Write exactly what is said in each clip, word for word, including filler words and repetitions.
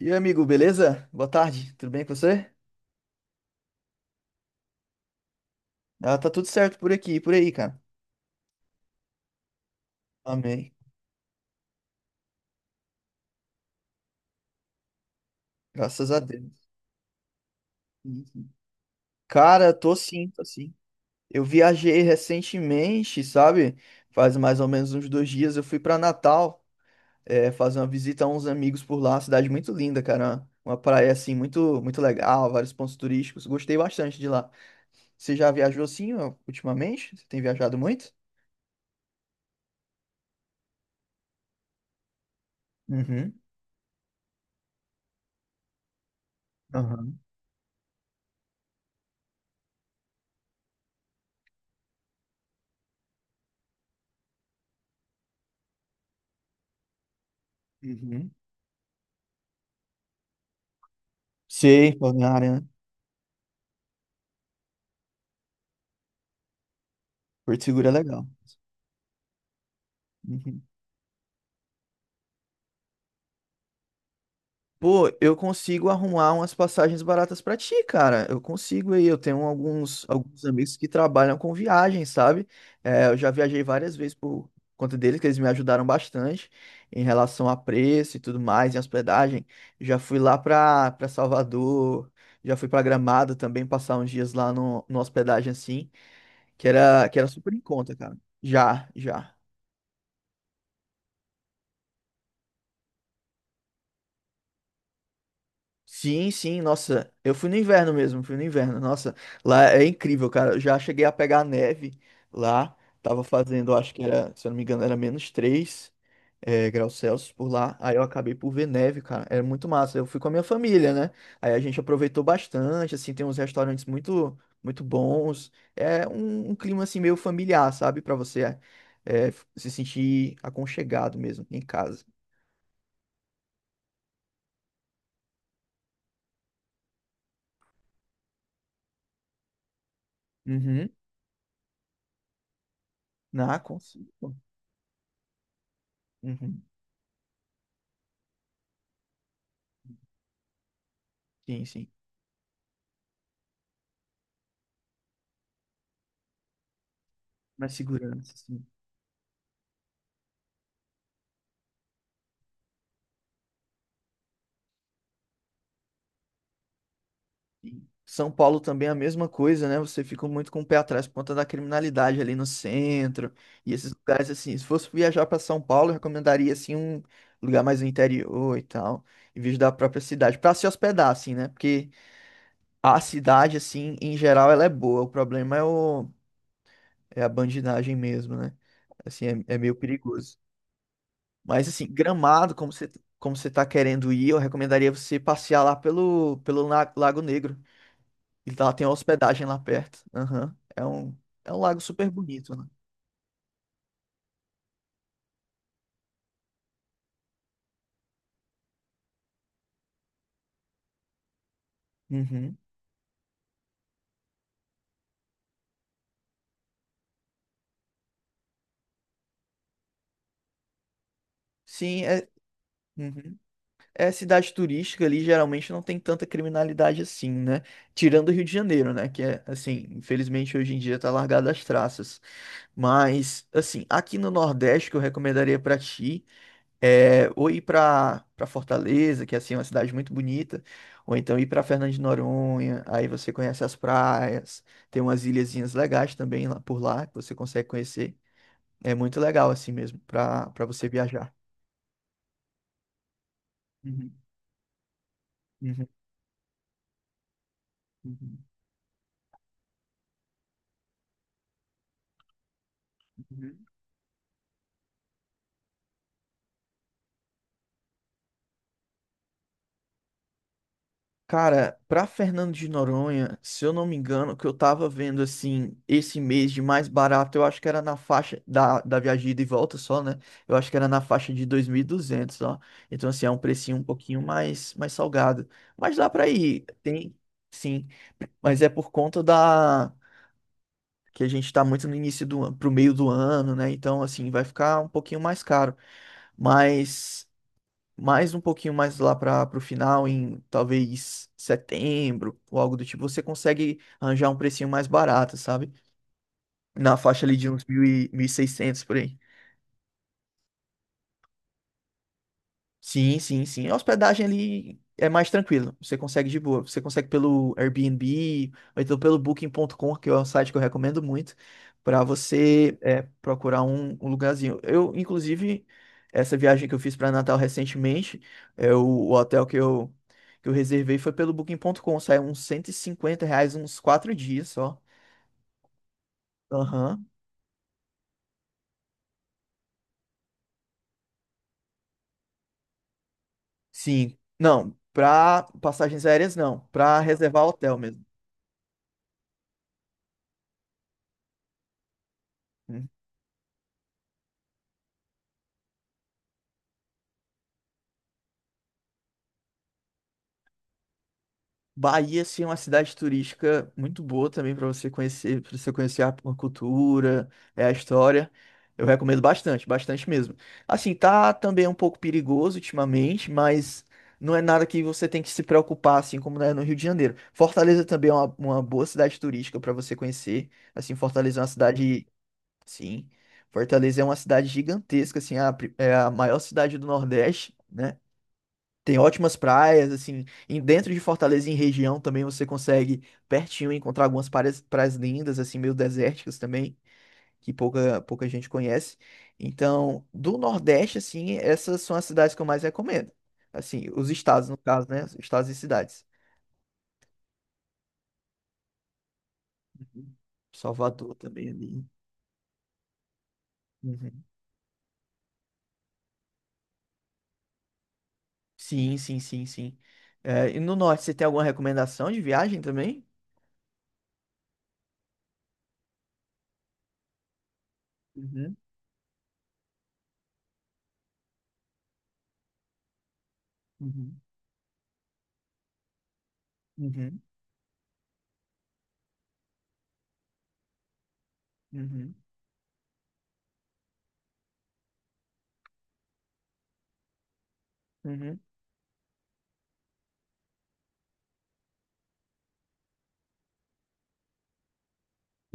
E aí, amigo, beleza? Boa tarde, tudo bem com você? Ah, tá tudo certo por aqui, e por aí, cara. Amém. Graças a Deus. Sim, sim. Cara, tô sim, tô sim. Eu viajei recentemente, sabe? Faz mais ou menos uns dois dias. Eu fui pra Natal, é, fazer uma visita a uns amigos por lá. Cidade muito linda, cara. Uma praia assim muito, muito legal, vários pontos turísticos. Gostei bastante de lá. Você já viajou assim, ó, ultimamente? Você tem viajado muito? Uhum. Aham. Uhum. Sei, Balneário, né? Porto Seguro é legal. Uhum. Pô, eu consigo arrumar umas passagens baratas pra ti, cara. Eu consigo aí. Eu tenho alguns, alguns amigos que trabalham com viagem, sabe? É, eu já viajei várias vezes por conta deles, que eles me ajudaram bastante em relação a preço e tudo mais, em hospedagem. Já fui lá pra, pra Salvador, já fui pra Gramado também, passar uns dias lá no, no hospedagem assim, que era, que era super em conta, cara. Já, já. Sim, sim, nossa, eu fui no inverno mesmo, fui no inverno, nossa, lá é incrível, cara, eu já cheguei a pegar neve lá, tava fazendo, acho que era, se eu não me engano, era menos três eh, graus Celsius por lá, aí eu acabei por ver neve, cara, era muito massa, eu fui com a minha família, né, aí a gente aproveitou bastante, assim, tem uns restaurantes muito, muito bons, é um, um clima, assim, meio familiar, sabe, pra você é, se sentir aconchegado mesmo, em casa. Uhum. Na consigo. Uhum. Sim, sim. Mais segurança, assim. E São Paulo também é a mesma coisa, né? Você fica muito com o pé atrás por conta da criminalidade ali no centro e esses lugares assim. Se fosse viajar para São Paulo, eu recomendaria assim um lugar mais no interior e tal, em vez da própria cidade, para se hospedar assim, né? Porque a cidade assim, em geral, ela é boa. O problema é o é a bandidagem mesmo, né? Assim, é, é meio perigoso. Mas assim, Gramado, como você como você tá querendo ir, eu recomendaria você passear lá pelo pelo La- Lago Negro. E lá tem uma hospedagem lá perto. Aham. É um, é um lago super bonito, né? Uhum. Sim, é. Uhum. É cidade turística ali, geralmente não tem tanta criminalidade assim, né? Tirando o Rio de Janeiro, né? Que é, assim, infelizmente hoje em dia tá largado as traças. Mas, assim, aqui no Nordeste, que eu recomendaria pra ti. É, ou ir para para Fortaleza, que assim, é uma cidade muito bonita, ou então ir para Fernando de Noronha, aí você conhece as praias, tem umas ilhazinhas legais também lá por lá que você consegue conhecer. É muito legal assim mesmo para para você viajar. Uhum, uhum, uhum, uhum. Cara, pra Fernando de Noronha, se eu não me engano, o que eu tava vendo assim, esse mês de mais barato, eu acho que era na faixa da, da viagem de ida e volta só, né? Eu acho que era na faixa de dois mil e duzentos, ó. Então, assim, é um precinho um pouquinho mais, mais salgado. Mas dá pra ir, tem, sim. Mas é por conta da. Que a gente tá muito no início do ano, pro meio do ano, né? Então, assim, vai ficar um pouquinho mais caro. Mas mais um pouquinho mais lá para o final, em talvez setembro ou algo do tipo, você consegue arranjar um precinho mais barato, sabe? Na faixa ali de uns mil e mil e seiscentos por aí. Sim, sim, sim. A hospedagem ali é mais tranquilo. Você consegue de boa. Você consegue pelo Airbnb, ou então pelo booking ponto com, que é um site que eu recomendo muito, para você é, procurar um, um lugarzinho. Eu, inclusive, essa viagem que eu fiz para Natal recentemente, é, o, o hotel que eu, que eu reservei foi pelo booking ponto com. Saiu uns cento e cinquenta reais, uns quatro dias só. Aham. Sim. Não, para passagens aéreas não. Para reservar hotel mesmo. Uhum. Bahia, assim, é uma cidade turística muito boa também para você conhecer, para você conhecer a a cultura, é, a história. Eu recomendo bastante, bastante mesmo. Assim, tá também um pouco perigoso ultimamente, mas não é nada que você tem que se preocupar, assim como é no Rio de Janeiro. Fortaleza também é uma, uma boa cidade turística para você conhecer. Assim, Fortaleza é uma cidade, sim. Fortaleza é uma cidade gigantesca, assim, é a pri- é a maior cidade do Nordeste. Né? Tem ótimas praias, assim, em dentro de Fortaleza, em região também você consegue pertinho encontrar algumas praias, praias lindas, assim, meio desérticas também, que pouca, pouca gente conhece. Então, do Nordeste, assim, essas são as cidades que eu mais recomendo. Assim, os estados, no caso, né? Os Estados e cidades. Uhum. Salvador também ali. Uhum. Sim, sim, sim, sim. É, e no Norte, você tem alguma recomendação de viagem também? Uhum, uhum, uhum, uhum, uhum.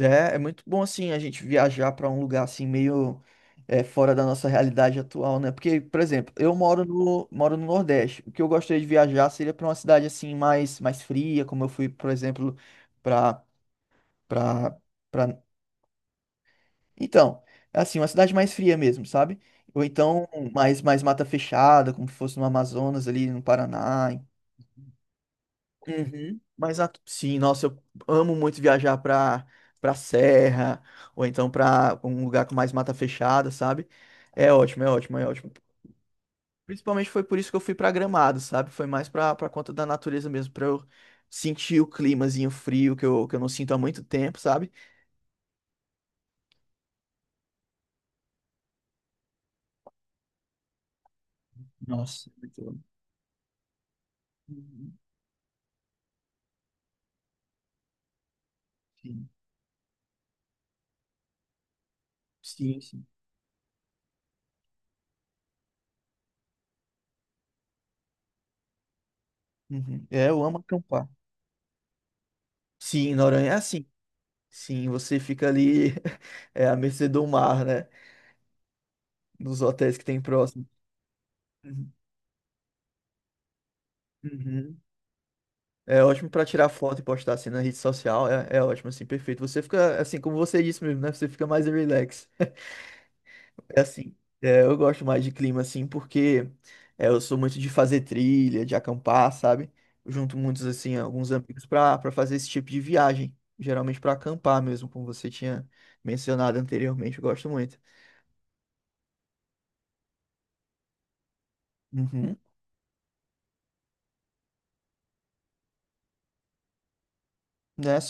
É, é muito bom assim a gente viajar para um lugar assim meio é, fora da nossa realidade atual, né? Porque, por exemplo, eu moro no moro no Nordeste. O que eu gostaria de viajar seria para uma cidade assim mais mais fria, como eu fui, por exemplo, para para para então, assim, uma cidade mais fria mesmo, sabe? Ou então mais mais mata fechada, como se fosse no Amazonas ali no Paraná. Uhum. Mas a- sim, nossa, eu amo muito viajar pra, pra serra, ou então pra um lugar com mais mata fechada, sabe? É ótimo, é ótimo, é ótimo. Principalmente foi por isso que eu fui pra Gramado, sabe? Foi mais pra, pra conta da natureza mesmo, pra eu sentir o climazinho frio que eu, que eu não sinto há muito tempo, sabe? Nossa, muito bom. Uhum. Sim, sim, sim. Uhum. É, eu amo acampar. Sim, Noronha é assim. Sim, você fica ali é, à mercê do mar, né? Nos hotéis que tem próximo. Uhum. Uhum. É ótimo pra tirar foto e postar assim na rede social. É, é ótimo, assim, perfeito. Você fica, assim, como você disse mesmo, né? Você fica mais relax. É assim, é, eu gosto mais de clima, assim, porque é, eu sou muito de fazer trilha, de acampar, sabe? Eu junto muitos, assim, alguns amigos pra, para fazer esse tipo de viagem. Geralmente pra acampar mesmo, como você tinha mencionado anteriormente. Eu gosto muito. Uhum. Né?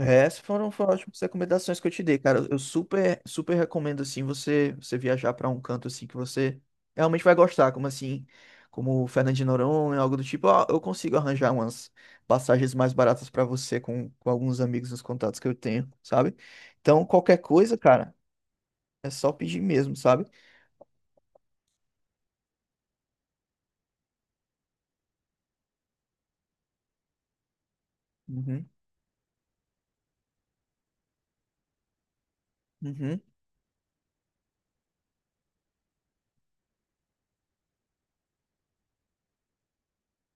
É, essas foram, foram ótimas recomendações que eu te dei, cara. Eu super, super recomendo assim você, você viajar para um canto assim que você realmente vai gostar, como assim, como Fernando de Noronha, algo do tipo. Ó, eu consigo arranjar umas passagens mais baratas para você com, com alguns amigos nos contatos que eu tenho, sabe? Então, qualquer coisa, cara, é só pedir mesmo, sabe? Uhum, uhum,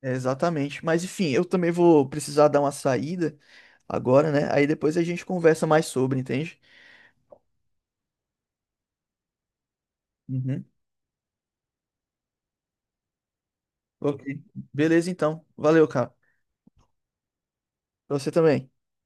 é exatamente. Mas enfim, eu também vou precisar dar uma saída agora, né? Aí depois a gente conversa mais sobre, entende? Uhum. Ok. Beleza, então. Valeu, cara. Pra você também.